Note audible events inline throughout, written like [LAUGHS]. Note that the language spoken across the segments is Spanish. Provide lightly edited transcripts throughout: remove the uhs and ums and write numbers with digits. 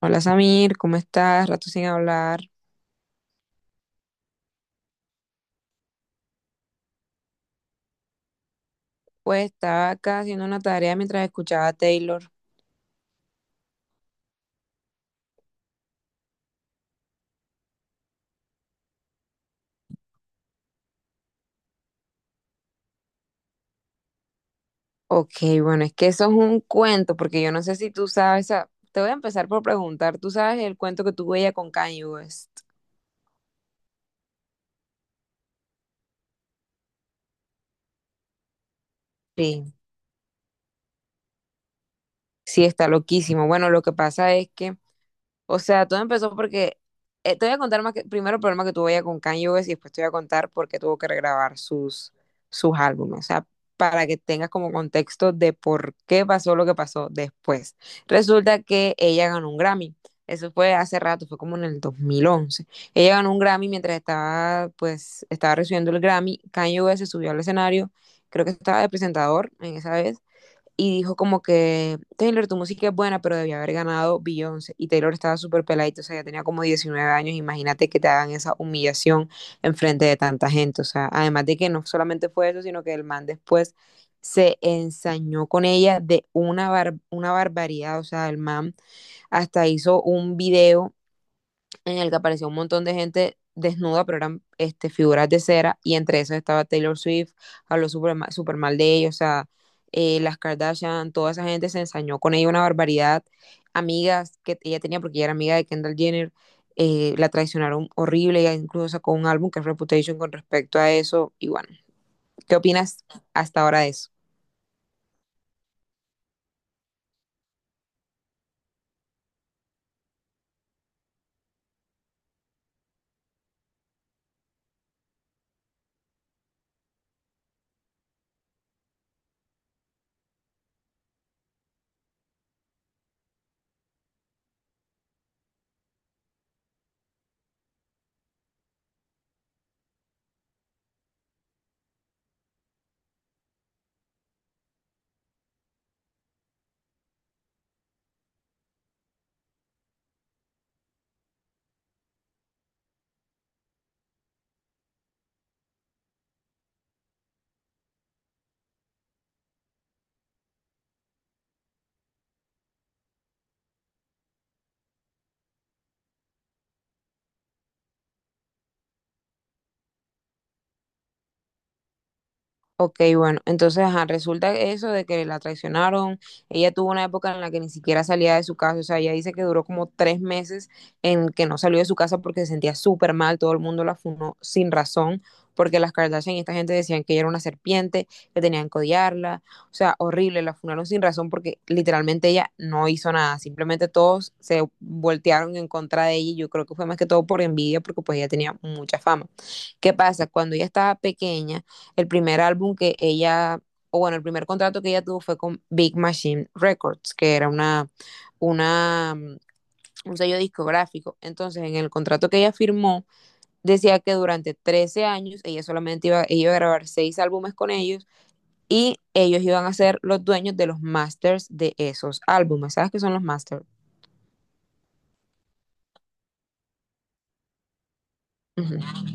Hola Samir, ¿cómo estás? Rato sin hablar. Pues estaba acá haciendo una tarea mientras escuchaba a Taylor. Ok, bueno, es que eso es un cuento, porque yo no sé si tú sabes. Te voy a empezar por preguntar, ¿tú sabes el cuento que tuvo ella con Kanye West? Sí, sí, está loquísimo. Bueno, lo que pasa es que o sea, todo empezó porque te voy a contar primero el problema que tuvo ella con Kanye West y después te voy a contar por qué tuvo que regrabar sus álbumes. O sea, para que tengas como contexto de por qué pasó lo que pasó después. Resulta que ella ganó un Grammy. Eso fue hace rato, fue como en el 2011. Ella ganó un Grammy mientras estaba, pues, estaba recibiendo el Grammy. Kanye West se subió al escenario, creo que estaba de presentador en esa vez, y dijo como que, Taylor, tu música es buena, pero debía haber ganado Beyoncé. Y Taylor estaba súper peladito, o sea, ya tenía como 19 años. Imagínate que te hagan esa humillación en frente de tanta gente. O sea, además de que no solamente fue eso, sino que el man después se ensañó con ella de una barbaridad. O sea, el man hasta hizo un video en el que apareció un montón de gente desnuda, pero eran figuras de cera, y entre esas estaba Taylor Swift, habló súper mal de ellos, o sea, las Kardashian, toda esa gente se ensañó con ella una barbaridad, amigas que ella tenía, porque ella era amiga de Kendall Jenner, la traicionaron horrible, ella incluso sacó un álbum que es Reputation con respecto a eso, y bueno, ¿qué opinas hasta ahora de eso? Ok, bueno, entonces ajá, resulta eso de que la traicionaron. Ella tuvo una época en la que ni siquiera salía de su casa, o sea, ella dice que duró como 3 meses en que no salió de su casa porque se sentía súper mal, todo el mundo la funó sin razón, porque las Kardashian y esta gente decían que ella era una serpiente, que tenían que odiarla, o sea, horrible, la funaron sin razón porque literalmente ella no hizo nada, simplemente todos se voltearon en contra de ella y yo creo que fue más que todo por envidia porque pues ella tenía mucha fama. ¿Qué pasa? Cuando ella estaba pequeña, el primer álbum que ella, o bueno, el primer contrato que ella tuvo fue con Big Machine Records, que era una, mm, un sello discográfico. Entonces, en el contrato que ella firmó, decía que durante 13 años ella ella iba a grabar 6 álbumes con ellos y ellos iban a ser los dueños de los masters de esos álbumes. ¿Sabes qué son los masters? Uh -huh.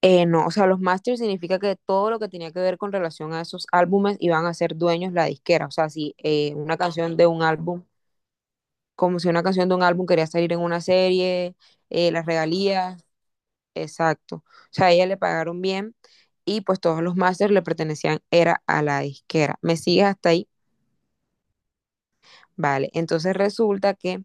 No, o sea, los masters significa que todo lo que tenía que ver con relación a esos álbumes iban a ser dueños la disquera. O sea, si una canción de un álbum como si una canción de un álbum quería salir en una serie, las regalías, exacto. O sea, a ella le pagaron bien y pues todos los masters le pertenecían, era a la disquera. ¿Me sigues hasta ahí? Vale, entonces resulta que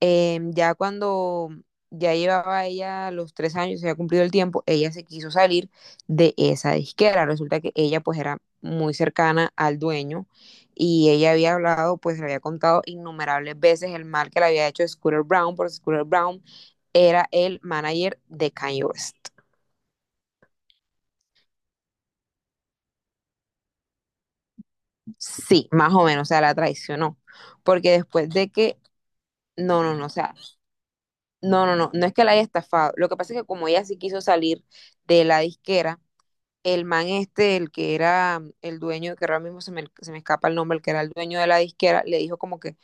ya cuando ya llevaba ella los 3 años, se había cumplido el tiempo, ella se quiso salir de esa disquera. Resulta que ella pues era muy cercana al dueño y ella había hablado, pues le había contado innumerables veces el mal que le había hecho Scooter Brown, porque Scooter Brown era el manager de Kanye West. Sí, más o menos, o sea, la traicionó. Porque después de que, no, no, no, o sea, no, no, no, no es que la haya estafado. Lo que pasa es que como ella sí quiso salir de la disquera, el man este, el que era el dueño, que ahora mismo se me escapa el nombre, el que era el dueño de la disquera, le dijo como que,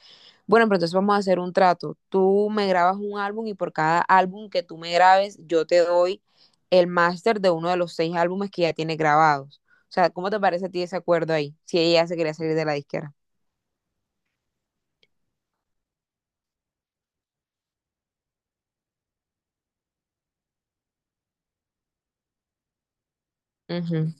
bueno, pero entonces vamos a hacer un trato. Tú me grabas un álbum y por cada álbum que tú me grabes, yo te doy el máster de uno de los 6 álbumes que ya tiene grabados. O sea, ¿cómo te parece a ti ese acuerdo ahí? Si ella se quería salir de la disquera. Ujú.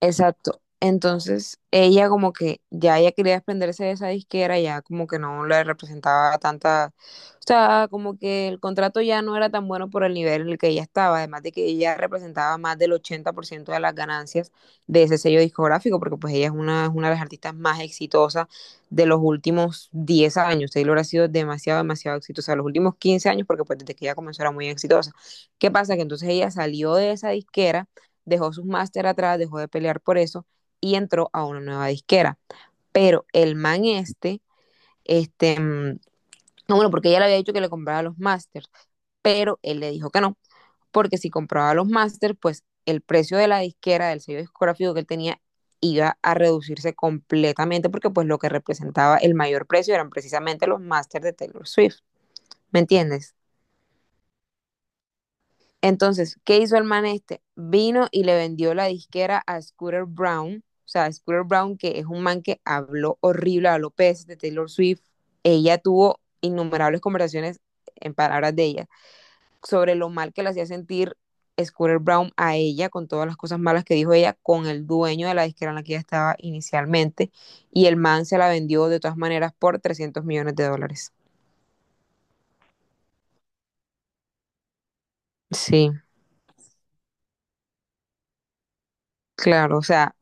Exacto. Entonces, ella como que ya ella quería desprenderse de esa disquera, ya como que no le representaba tanta, o sea, como que el contrato ya no era tan bueno por el nivel en el que ella estaba, además de que ella representaba más del 80% de las ganancias de ese sello discográfico, porque pues ella es una de las artistas más exitosas de los últimos 10 años. Taylor ha sido demasiado, demasiado exitosa, los últimos 15 años, porque pues desde que ella comenzó era muy exitosa. ¿Qué pasa? Que entonces ella salió de esa disquera, dejó sus máster atrás, dejó de pelear por eso y entró a una nueva disquera. Pero el man este, mm, no, bueno, porque ella le había dicho que le compraba los masters, pero él le dijo que no, porque si compraba los masters, pues el precio de la disquera, del sello discográfico que él tenía, iba a reducirse completamente porque pues lo que representaba el mayor precio eran precisamente los masters de Taylor Swift, ¿me entiendes? Entonces, ¿qué hizo el man este? Vino y le vendió la disquera a Scooter Brown, o sea, Scooter Brown, que es un man que habló horrible a López de Taylor Swift. Ella tuvo innumerables conversaciones, en palabras de ella, sobre lo mal que le hacía sentir Scooter Brown a ella, con todas las cosas malas que dijo ella, con el dueño de la disquera en la que ella estaba inicialmente, y el man se la vendió de todas maneras por 300 millones de dólares. Sí, claro, o sea,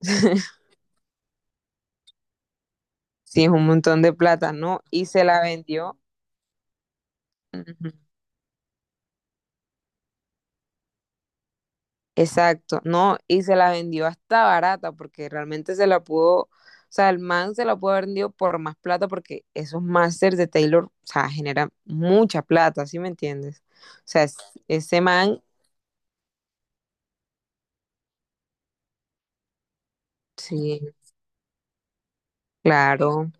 [LAUGHS] sí, es un montón de plata, ¿no? Y se la vendió. Ujú. Exacto, no, y se la vendió hasta barata porque realmente se la pudo, o sea, el man se la pudo haber vendido por más plata porque esos masters de Taylor, o sea, generan mucha plata, ¿sí me entiendes? O sea, ese man, sí, claro.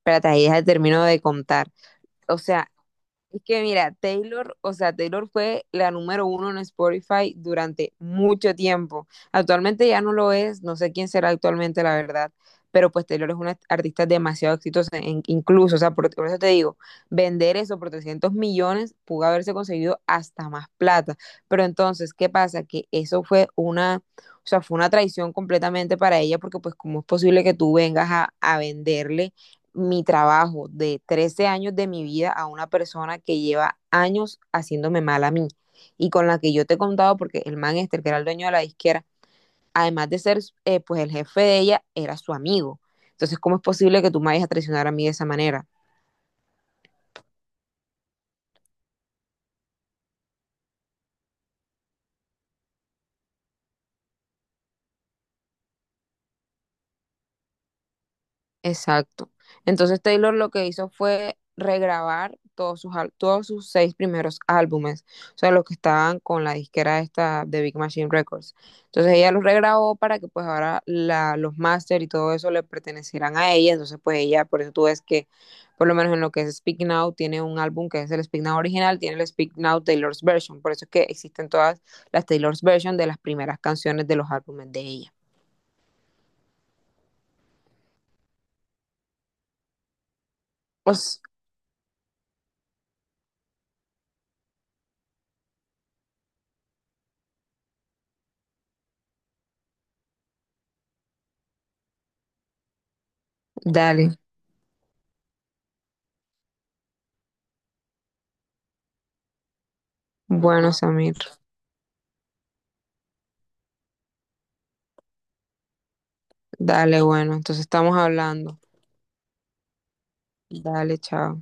Espérate, ahí ya termino de contar. O sea, es que mira, Taylor, o sea, Taylor fue la número uno en Spotify durante mucho tiempo. Actualmente ya no lo es, no sé quién será actualmente, la verdad, pero pues Taylor es una artista demasiado exitosa, incluso, o sea, por eso te digo, vender eso por 300 millones pudo haberse conseguido hasta más plata. Pero entonces, ¿qué pasa? Que eso fue una, o sea, fue una traición completamente para ella, porque pues, ¿cómo es posible que tú vengas a venderle mi trabajo de 13 años de mi vida a una persona que lleva años haciéndome mal a mí y con la que yo te he contado porque el man este, el que era el dueño de la disquera, además de ser pues el jefe de ella, era su amigo? Entonces, ¿cómo es posible que tú me vayas a traicionar a mí de esa manera? Exacto. Entonces Taylor lo que hizo fue regrabar todos sus 6 primeros álbumes, o sea, los que estaban con la disquera esta de Big Machine Records. Entonces ella los regrabó para que pues ahora los máster y todo eso le pertenecieran a ella, entonces pues ella, por eso tú ves que por lo menos en lo que es Speak Now, tiene un álbum que es el Speak Now original, tiene el Speak Now Taylor's Version, por eso es que existen todas las Taylor's Version de las primeras canciones de los álbumes de ella. Pues dale, bueno, Samir. Dale, bueno, entonces estamos hablando. Dale, chao.